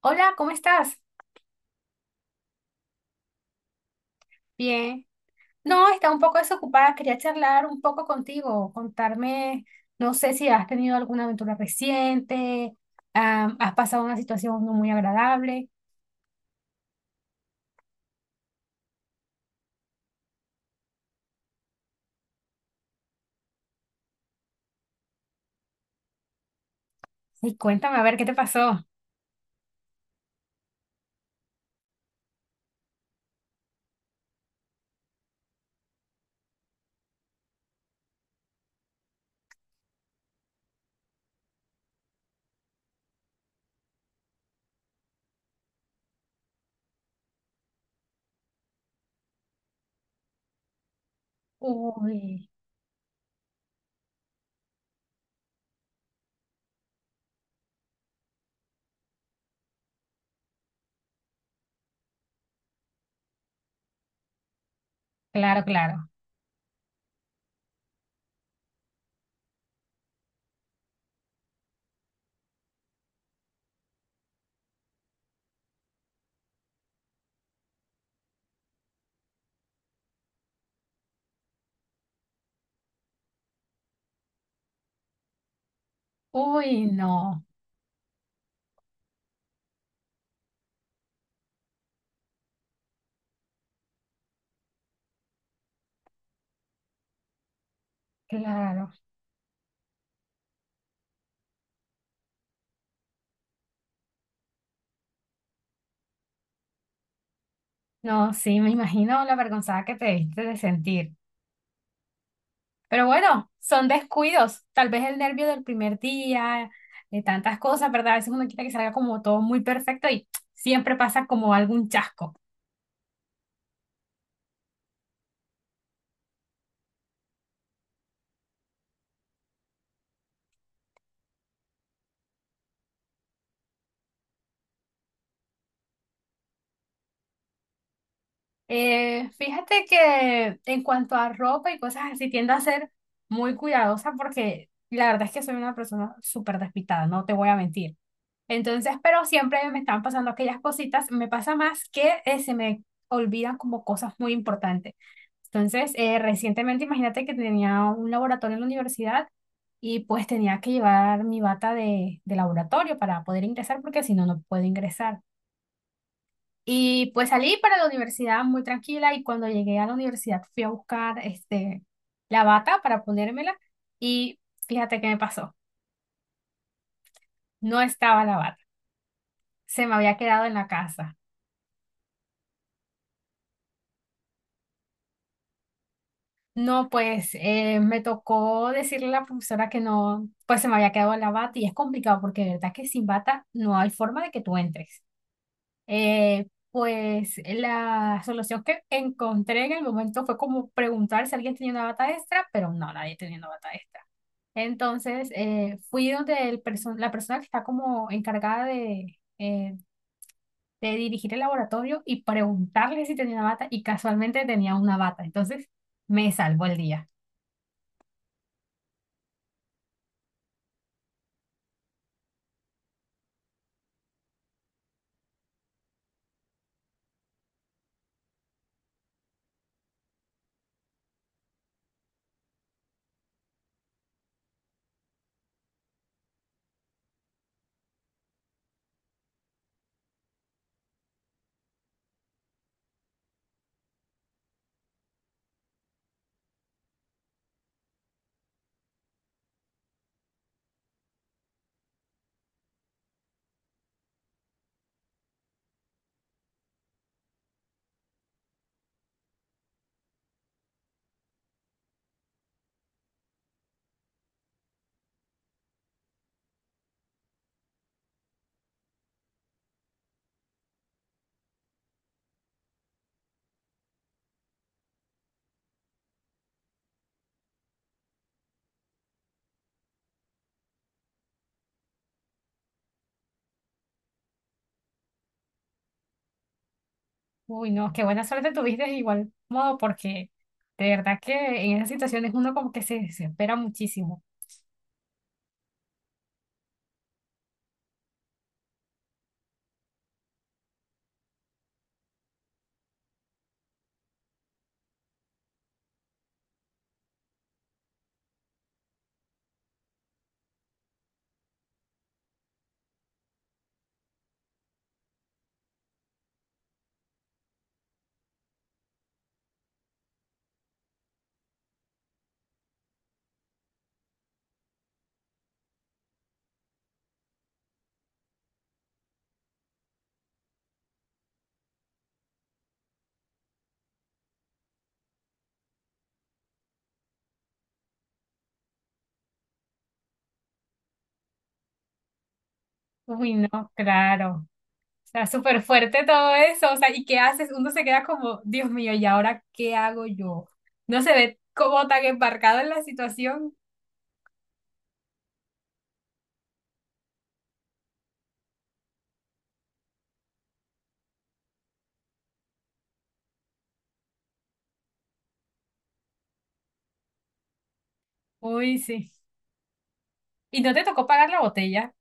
Hola, ¿cómo estás? Bien. No, está un poco desocupada. Quería charlar un poco contigo, contarme, no sé si has tenido alguna aventura reciente, has pasado una situación no muy agradable. Y cuéntame, a ver, ¿qué te pasó? Uy, claro, claro. Uy, no, claro. No, sí, me imagino la vergonzada que te diste de sentir. Pero bueno, son descuidos. Tal vez el nervio del primer día, de tantas cosas, ¿verdad? A veces uno quiere que salga como todo muy perfecto y siempre pasa como algún chasco. Fíjate que en cuanto a ropa y cosas así, tiendo a ser muy cuidadosa porque la verdad es que soy una persona súper despistada, no te voy a mentir. Entonces, pero siempre me están pasando aquellas cositas, me pasa más que se me olvidan como cosas muy importantes. Entonces, recientemente imagínate que tenía un laboratorio en la universidad y pues tenía que llevar mi bata de laboratorio para poder ingresar porque si no, no puedo ingresar. Y pues salí para la universidad muy tranquila y cuando llegué a la universidad fui a buscar este, la bata para ponérmela y fíjate qué me pasó, no estaba la bata, se me había quedado en la casa. No, pues me tocó decirle a la profesora que no, pues se me había quedado la bata y es complicado porque de verdad que sin bata no hay forma de que tú entres. Pues la solución que encontré en el momento fue como preguntar si alguien tenía una bata extra, pero no, nadie tenía una bata extra. Entonces fui donde la persona que está como encargada de dirigir el laboratorio y preguntarle si tenía una bata y casualmente tenía una bata. Entonces me salvó el día. Uy, no, qué buena suerte tuviste de igual modo, porque de verdad que en esas situaciones uno como que se desespera muchísimo. Uy, no, claro. O sea, súper fuerte todo eso. O sea, ¿y qué haces? Uno se queda como, Dios mío, ¿y ahora qué hago yo? No se ve como tan embarcado en la situación. Uy, sí. ¿Y no te tocó pagar la botella?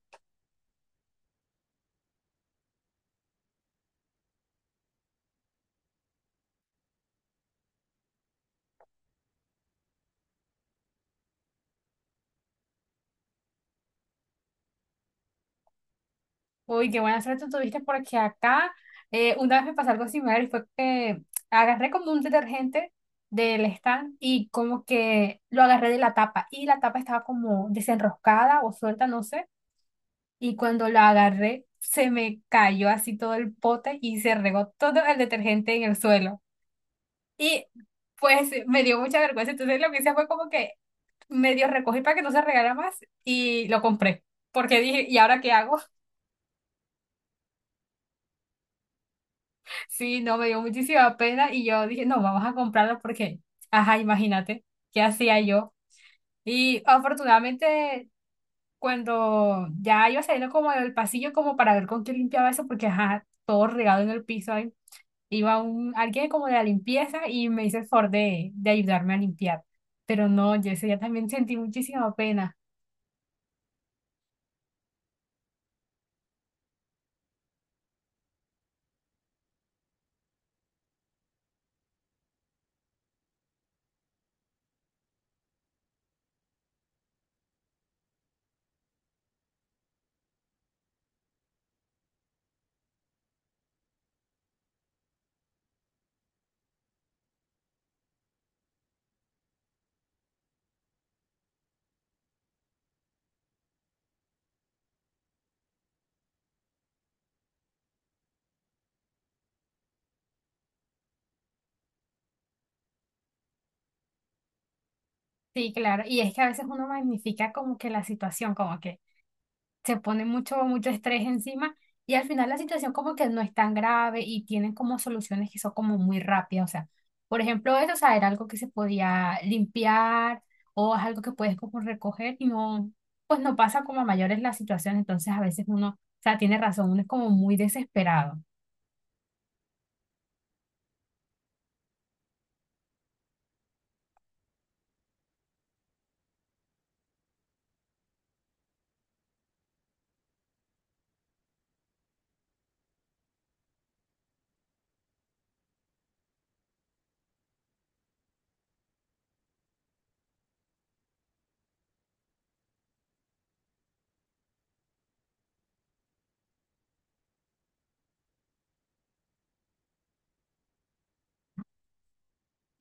Uy, qué buena suerte tuviste porque acá una vez me pasó algo similar y fue que agarré como un detergente del stand y como que lo agarré de la tapa y la tapa estaba como desenroscada o suelta, no sé, y cuando la agarré se me cayó así todo el pote y se regó todo el detergente en el suelo. Y pues me dio mucha vergüenza, entonces lo que hice fue como que medio recogí para que no se regara más y lo compré porque dije, ¿y ahora qué hago? Sí, no, me dio muchísima pena y yo dije, no, vamos a comprarlo porque, ajá, imagínate, ¿qué hacía yo? Y afortunadamente, cuando ya iba saliendo como del pasillo como para ver con qué limpiaba eso, porque, ajá, todo regado en el piso, ahí, iba un, alguien como de la limpieza y me hizo el favor de ayudarme a limpiar. Pero no, yo ese día también sentí muchísima pena. Sí, claro, y es que a veces uno magnifica como que la situación, como que se pone mucho, mucho estrés encima y al final la situación como que no es tan grave y tienen como soluciones que son como muy rápidas. O sea, por ejemplo, eso, o sea, era algo que se podía limpiar o es algo que puedes como recoger y no, pues no pasa como a mayores la situación. Entonces a veces uno, o sea, tiene razón, uno es como muy desesperado.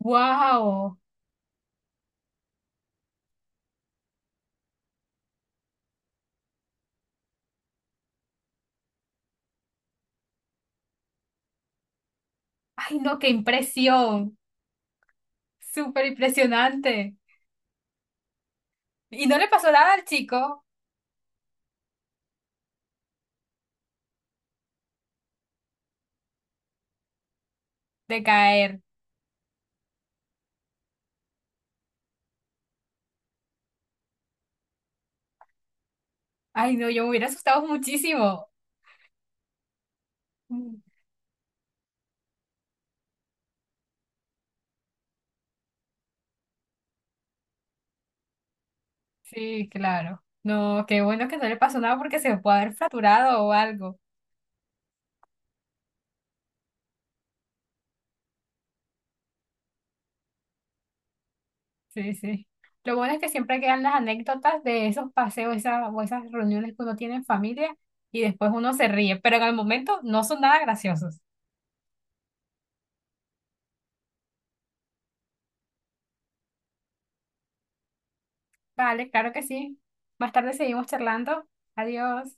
¡Wow! ¡Ay, no, qué impresión! Súper impresionante. ¿Y no le pasó nada al chico de caer? Ay, no, yo me hubiera asustado muchísimo. Sí, claro. No, qué bueno que no le pasó nada porque se puede haber fracturado o algo. Sí, sí. Lo bueno es que siempre quedan las anécdotas de esos paseos, esas, o esas reuniones que uno tiene en familia y después uno se ríe, pero en el momento no son nada graciosos. Vale, claro que sí. Más tarde seguimos charlando. Adiós.